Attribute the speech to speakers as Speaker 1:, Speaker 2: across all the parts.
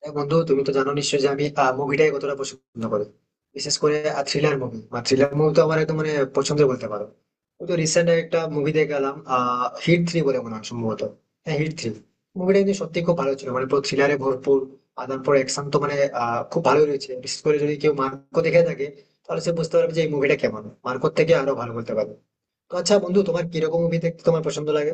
Speaker 1: হ্যাঁ বন্ধু, তুমি তো জানো নিশ্চয়ই যে আমি মুভিটাই কতটা পছন্দ করি। বিশেষ করে থ্রিলার মুভি, মানে থ্রিলার মুভি তো আমার একদম মানে পছন্দের বলতে পারো। ওই তো রিসেন্ট একটা মুভি দেখে গেলাম, হিট থ্রি বলে মনে হয় সম্ভবত। হ্যাঁ, হিট থ্রি মুভিটা কিন্তু সত্যি খুব ভালো ছিল, মানে পুরো থ্রিলারে ভরপুর। আর তারপর অ্যাকশন তো মানে খুব ভালোই রয়েছে। বিশেষ করে যদি কেউ মার্কো দেখে থাকে তাহলে সে বুঝতে পারবে যে এই মুভিটা কেমন, মার্কোর থেকে আরো ভালো বলতে পারবে। তো আচ্ছা বন্ধু, তোমার কিরকম মুভি দেখতে তোমার পছন্দ লাগে?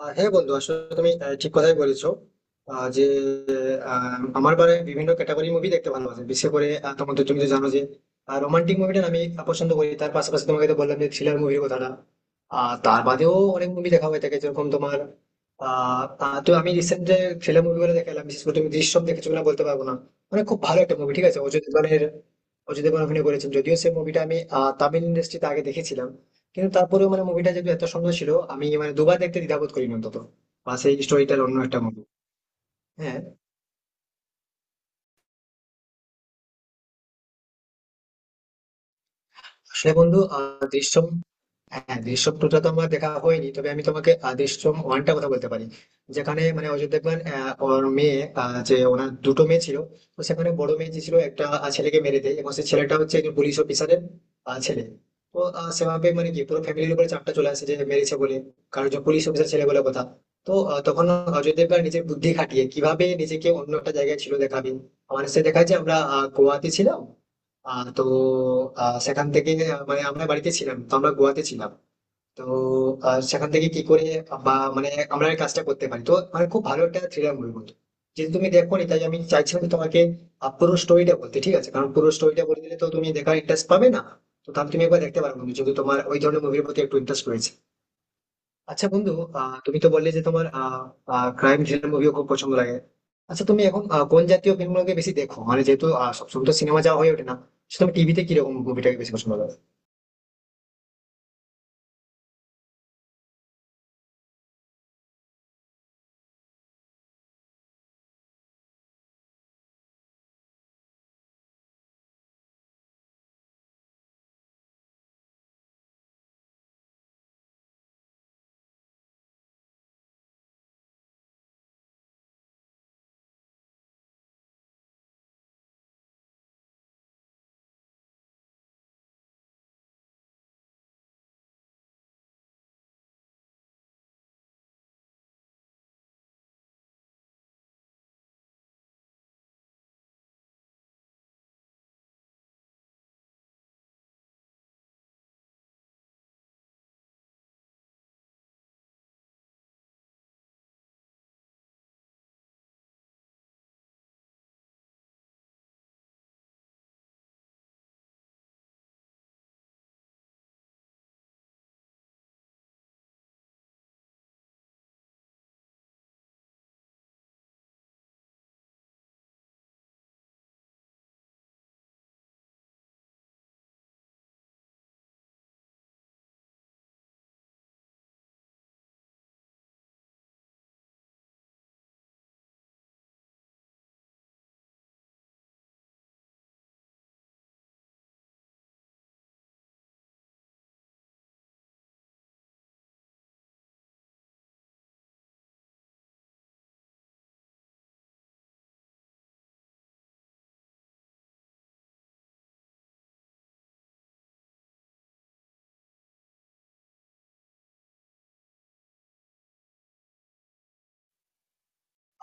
Speaker 1: হ্যাঁ বন্ধু, আসলে তুমি ঠিক কথাই বলেছো। আহ, যে আমার বারে বিভিন্ন ক্যাটাগরি মুভি দেখতে ভালোবাসি। বিশেষ করে তোমার তো তুমি তো জানো যে রোমান্টিক মুভিটা আমি পছন্দ করি, তার পাশাপাশি তোমাকে তো বললাম যে থ্রিলার মুভির কথাটা। আর তার বাদেও অনেক মুভি দেখা হয়ে থাকে, যেরকম তোমার আহ আহ, তো আমি রিসেন্ট যে থ্রিলার মুভিগুলো দেখলাম, বিশেষ করে তুমি দৃশ্যম দেখেছো কিনা বলতে পারবো না। মানে খুব ভালো একটা মুভি, ঠিক আছে, অজয় দেবগনের। অজয় দেবগন অভিনয় করেছেন, যদিও সেই মুভিটা আমি তামিল ইন্ডাস্ট্রিতে আগে দেখেছিলাম। কিন্তু তারপরেও মানে মুভিটা যেহেতু এত সুন্দর ছিল, আমি মানে দুবার দেখতে দ্বিধাবোধ করিনি অন্তত, বা সেই স্টোরিটার অন্য একটা মুভি। হ্যাঁ, আসলে বন্ধু, দৃশ্যম, হ্যাঁ দৃশ্যম টুটা তো আমার দেখা হয়নি, তবে আমি তোমাকে দৃশ্যম ওয়ানটা কথা বলতে পারি। যেখানে মানে অজয় দেবগন ওর মেয়ে, যে ওনার দুটো মেয়ে ছিল। তো সেখানে বড় মেয়ে যে ছিল একটা ছেলেকে মেরে দেয়, এবং সেই ছেলেটা হচ্ছে একজন পুলিশ অফিসারের ছেলে। তো সেভাবে মানে কি পুরো ফ্যামিলির উপরে চাপটা চলে আসে যে মেরেছে বলে। কারণ যে পুলিশ অফিসার ছেলে বলে কথা। তো তখন অজয় দেবগন নিজের বুদ্ধি খাটিয়ে কিভাবে নিজেকে অন্য একটা জায়গায় ছিল দেখাবে। আমার সে দেখায় যে আমরা গোয়াতে ছিলাম। তো সেখান থেকে মানে আমরা বাড়িতে ছিলাম, তো আমরা গোয়াতে ছিলাম। তো সেখান থেকে কি করে বা মানে আমরা এই কাজটা করতে পারি। তো মানে খুব ভালো একটা থ্রিলার মুভি বলতো। যদি তুমি দেখো নি, তাই আমি চাইছিলাম যে তোমাকে পুরো স্টোরিটা বলতে, ঠিক আছে। কারণ পুরো স্টোরিটা বলে দিলে তো তুমি দেখার ইন্টারেস্ট পাবে না। তো তাহলে তুমি একবার দেখতে পারো বন্ধু, যদি তোমার ওই ধরনের মুভির প্রতি একটু ইন্টারেস্ট রয়েছে। আচ্ছা বন্ধু, তুমি তো বললে যে তোমার ক্রাইম থ্রিলার মুভিও খুব পছন্দ লাগে। আচ্ছা, তুমি এখন কোন জাতীয় ফিল্মগুলোকে বেশি দেখো, মানে যেহেতু সবসময় তো সিনেমা যাওয়া হয়ে ওঠে না, তো তুমি টিভিতে কিরকম মুভিটাকে বেশি পছন্দ করো?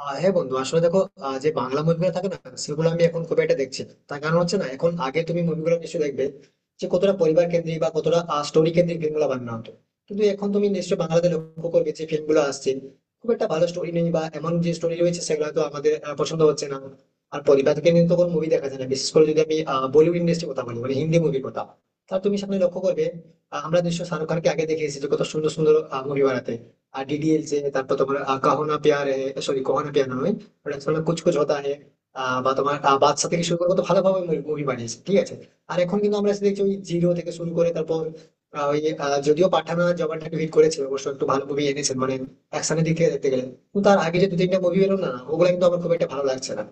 Speaker 1: হ্যাঁ বন্ধু, আসলে দেখো যে বাংলা মুভিগুলো থাকে না সেগুলো আমি এখন খুব একটা দেখছি না। তার কারণ হচ্ছে না, এখন আগে তুমি মুভিগুলো নিশ্চয়ই দেখবে যে কতটা পরিবার কেন্দ্রিক বা কতটা স্টোরি কেন্দ্রিক ফিল্মগুলো বানানো হতো। কিন্তু এখন তুমি নিশ্চয়ই বাংলাতে লক্ষ্য করবে যে ফিল্মগুলো আসছে, খুব একটা ভালো স্টোরি নেই, বা এমন যে স্টোরি রয়েছে সেগুলো তো আমাদের পছন্দ হচ্ছে না। আর পরিবারকে নিয়ে তো কোনো মুভি দেখা যায় না, বিশেষ করে যদি আমি বলিউড ইন্ডাস্ট্রির কথা বলি, মানে হিন্দি মুভির কথা। তা তুমি সামনে লক্ষ্য করবে, আমরা নিশ্চয়ই শাহরুখ খানকে আগে দেখে এসেছি যে কত সুন্দর সুন্দর মুভি বানাতে। আর ডিডিএলজে, তারপর তোমার কাহো না প্যার হে, সরি, কাহো না প্যার না নয়, ওটা তোমার কুছ কুছ হোতা হে। বা তোমার বাদশা থেকে শুরু করে কত ভালোভাবে মুভি বানিয়েছে, ঠিক আছে। আর এখন কিন্তু আমরা এসে দেখছি ওই জিরো থেকে শুরু করে, তারপর আহ, ওই যদিও পাঠানা জবানটাকে হিট করেছে, অবশ্য একটু ভালো মুভি এনেছেন, মানে অ্যাকশনের দিক থেকে দেখতে গেলে। কিন্তু তার আগে যে দু তিনটা মুভি বেরো না, ওগুলো কিন্তু আমার খুব একটা ভালো লাগছে না।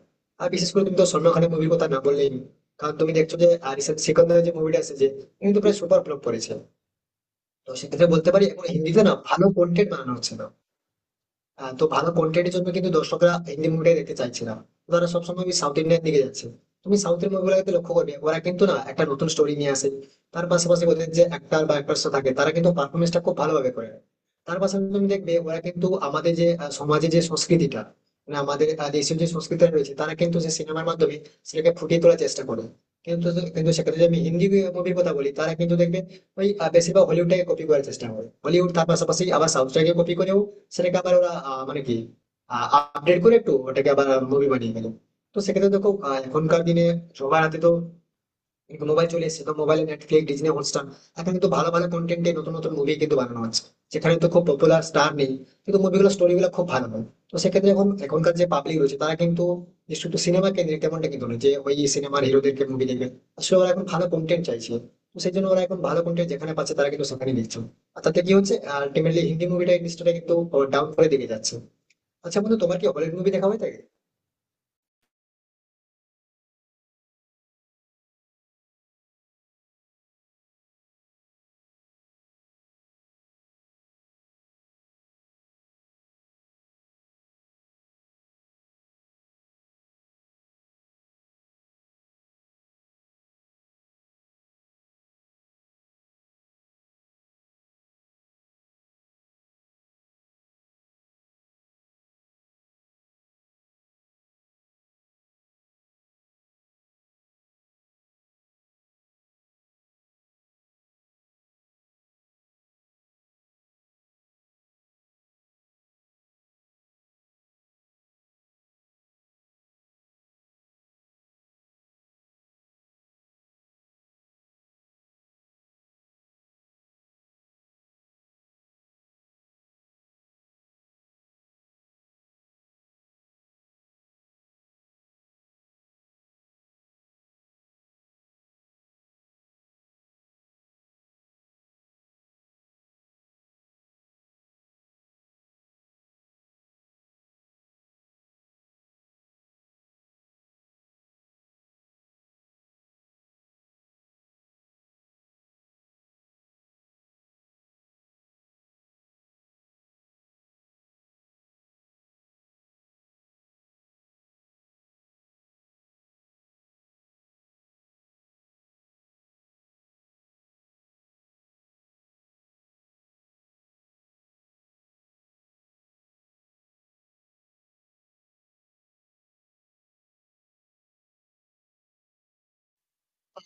Speaker 1: আর বিশেষ করে তুমি তো সলমান খানের মুভির কথা না বললেই নয়। কারণ তুমি দেখছো যে রিসেন্ট সিকন্দার যে মুভিটা এসেছে কিন্তু প্রায় সুপার ফ্লপ করেছে। তো সেক্ষেত্রে বলতে পারি এখন হিন্দিতে না ভালো কন্টেন্ট বানানো হচ্ছে না। তো ভালো কন্টেন্টের জন্য কিন্তু দর্শকরা হিন্দি মুভিটাই দেখতে চাইছে না। তারা সবসময় ওই সাউথ ইন্ডিয়ান দিকে যাচ্ছে। তুমি সাউথের মুভিগুলোকে লক্ষ্য করবে, ওরা কিন্তু না একটা নতুন স্টোরি নিয়ে আসে। তার পাশাপাশি ওদের যে অ্যাক্টার বা অ্যাক্ট্রেস থাকে তারা কিন্তু পারফরমেন্সটা খুব ভালোভাবে করে। তার পাশাপাশি তুমি দেখবে ওরা কিন্তু আমাদের যে সমাজে যে সংস্কৃতিটা, মানে আমাদের দেশীয় যে সংস্কৃতিটা রয়েছে, তারা কিন্তু সেই সিনেমার মাধ্যমে সেটাকে ফুটিয়ে তোলার চেষ্টা করে। কিন্তু কিন্তু সেক্ষেত্রে যদি আমি হিন্দি মুভির কথা বলি তারা কিন্তু দেখবে ওই বেশিরভাগ হলিউডটাকে কপি করার চেষ্টা করে, হলিউড তার পাশাপাশি আবার সাউথটাকে কপি করেও সেটাকে আবার ওরা মানে কি আপডেট করে একটু, ওটাকে আবার মুভি বানিয়ে গেল। তো সেক্ষেত্রে দেখো, এখনকার দিনে সবার হাতে তো কিন্তু মোবাইল চলে এসেছে। তো মোবাইলে নেটফ্লিক্স, ডিজনি হটস্টার, এখন কিন্তু ভালো ভালো কন্টেন্টে নতুন নতুন মুভি কিন্তু বানানো হচ্ছে। সেখানে তো খুব পপুলার স্টার নেই, কিন্তু মুভিগুলো স্টোরিগুলো খুব ভালো হয়। তো সেক্ষেত্রে এখন এখনকার যে পাবলিক রয়েছে তারা কিন্তু, যে শুধু সিনেমা কেন্দ্রিক তেমনটা কিন্তু নয় যে ওই সিনেমার হিরোদেরকে মুভি দেখবে। আসলে ওরা এখন ভালো কন্টেন্ট চাইছে। তো সেই জন্য ওরা এখন ভালো কন্টেন্ট যেখানে পাচ্ছে তারা কিন্তু সেখানে দেখছে। আর তাতে কি হচ্ছে, আলটিমেটলি হিন্দি মুভিটা ইন্ডাস্ট্রিটা কিন্তু ডাউন করে দিকে যাচ্ছে। আচ্ছা বন্ধু, তোমার কি হলিউড মুভি দেখা হয় থাকে?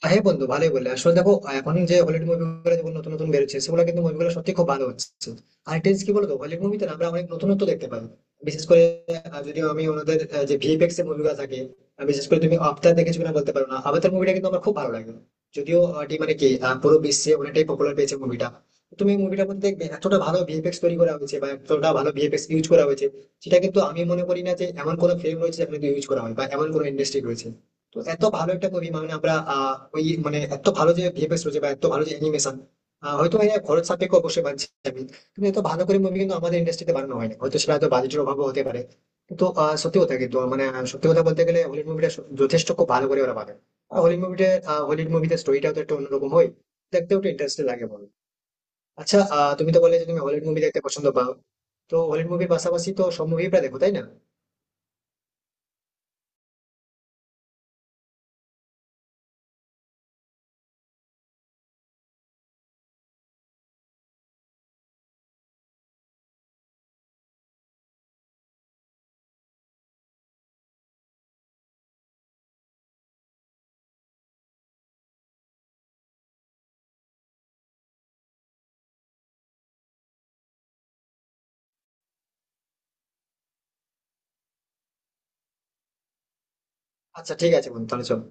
Speaker 1: হ্যাঁ বন্ধু, ভালোই বললে। আসলে দেখো, এখন যে হলিউড মুভিগুলো যেগুলো নতুন নতুন বেরোচ্ছে সেগুলো কিন্তু মুভিগুলো সত্যি খুব ভালো হচ্ছে। আর একটা জিনিস কি বলতো, হলিউড মুভিতে না আমরা অনেক নতুনত্ব দেখতে পাই। বিশেষ করে যদি আমি ওনাদের যে ভিএফএক্স এর মুভিগুলো থাকে, বিশেষ করে তুমি আফতার দেখেছো কিনা বলতে পারো না, আফতার মুভিটা কিন্তু আমার খুব ভালো লাগে। যদিও এটি মানে কি পুরো বিশ্বে অনেকটাই পপুলার পেয়েছে মুভিটা। তুমি মুভিটার মধ্যে দেখবে এতটা ভালো ভিএফএক্স তৈরি করা হয়েছে, বা এতটা ভালো ভিএফএক্স ইউজ করা হয়েছে। সেটা কিন্তু আমি মনে করি না যে এমন কোনো ফিল্ম রয়েছে যেখানে ইউজ করা হয়, বা এমন কোনো ইন্ডাস্ট্রি রয়েছে। তো এত ভালো একটা মুভি, মানে আমরা ওই মানে এত ভালো যে ভিএফএক্স রয়েছে বা এত ভালো যে অ্যানিমেশন। হয়তো এর খরচ সাপেক্ষ অবশ্যই বানছে আমি। কিন্তু এত ভালো করে মুভি কিন্তু আমাদের ইন্ডাস্ট্রিতে বানানো হয় না, হয়তো সেটা হয়তো বাজেটের অভাবও হতে পারে। কিন্তু সত্যি কথা কিন্তু মানে সত্যি কথা বলতে গেলে হলিউড মুভিটা যথেষ্ট খুব ভালো করে ওরা বানায়। আর হলিউড মুভিতে স্টোরিটাও তো একটু অন্যরকম হয়, দেখতেও একটু ইন্টারেস্টিং লাগে, বলো। আচ্ছা তুমি তো বললে যে তুমি হলিউড মুভি দেখতে পছন্দ পাও, তো হলিউড মুভির পাশাপাশি তো সব মুভি প্রায় দেখো, তাই না? আচ্ছা ঠিক আছে বন্ধু, তাহলে চলো।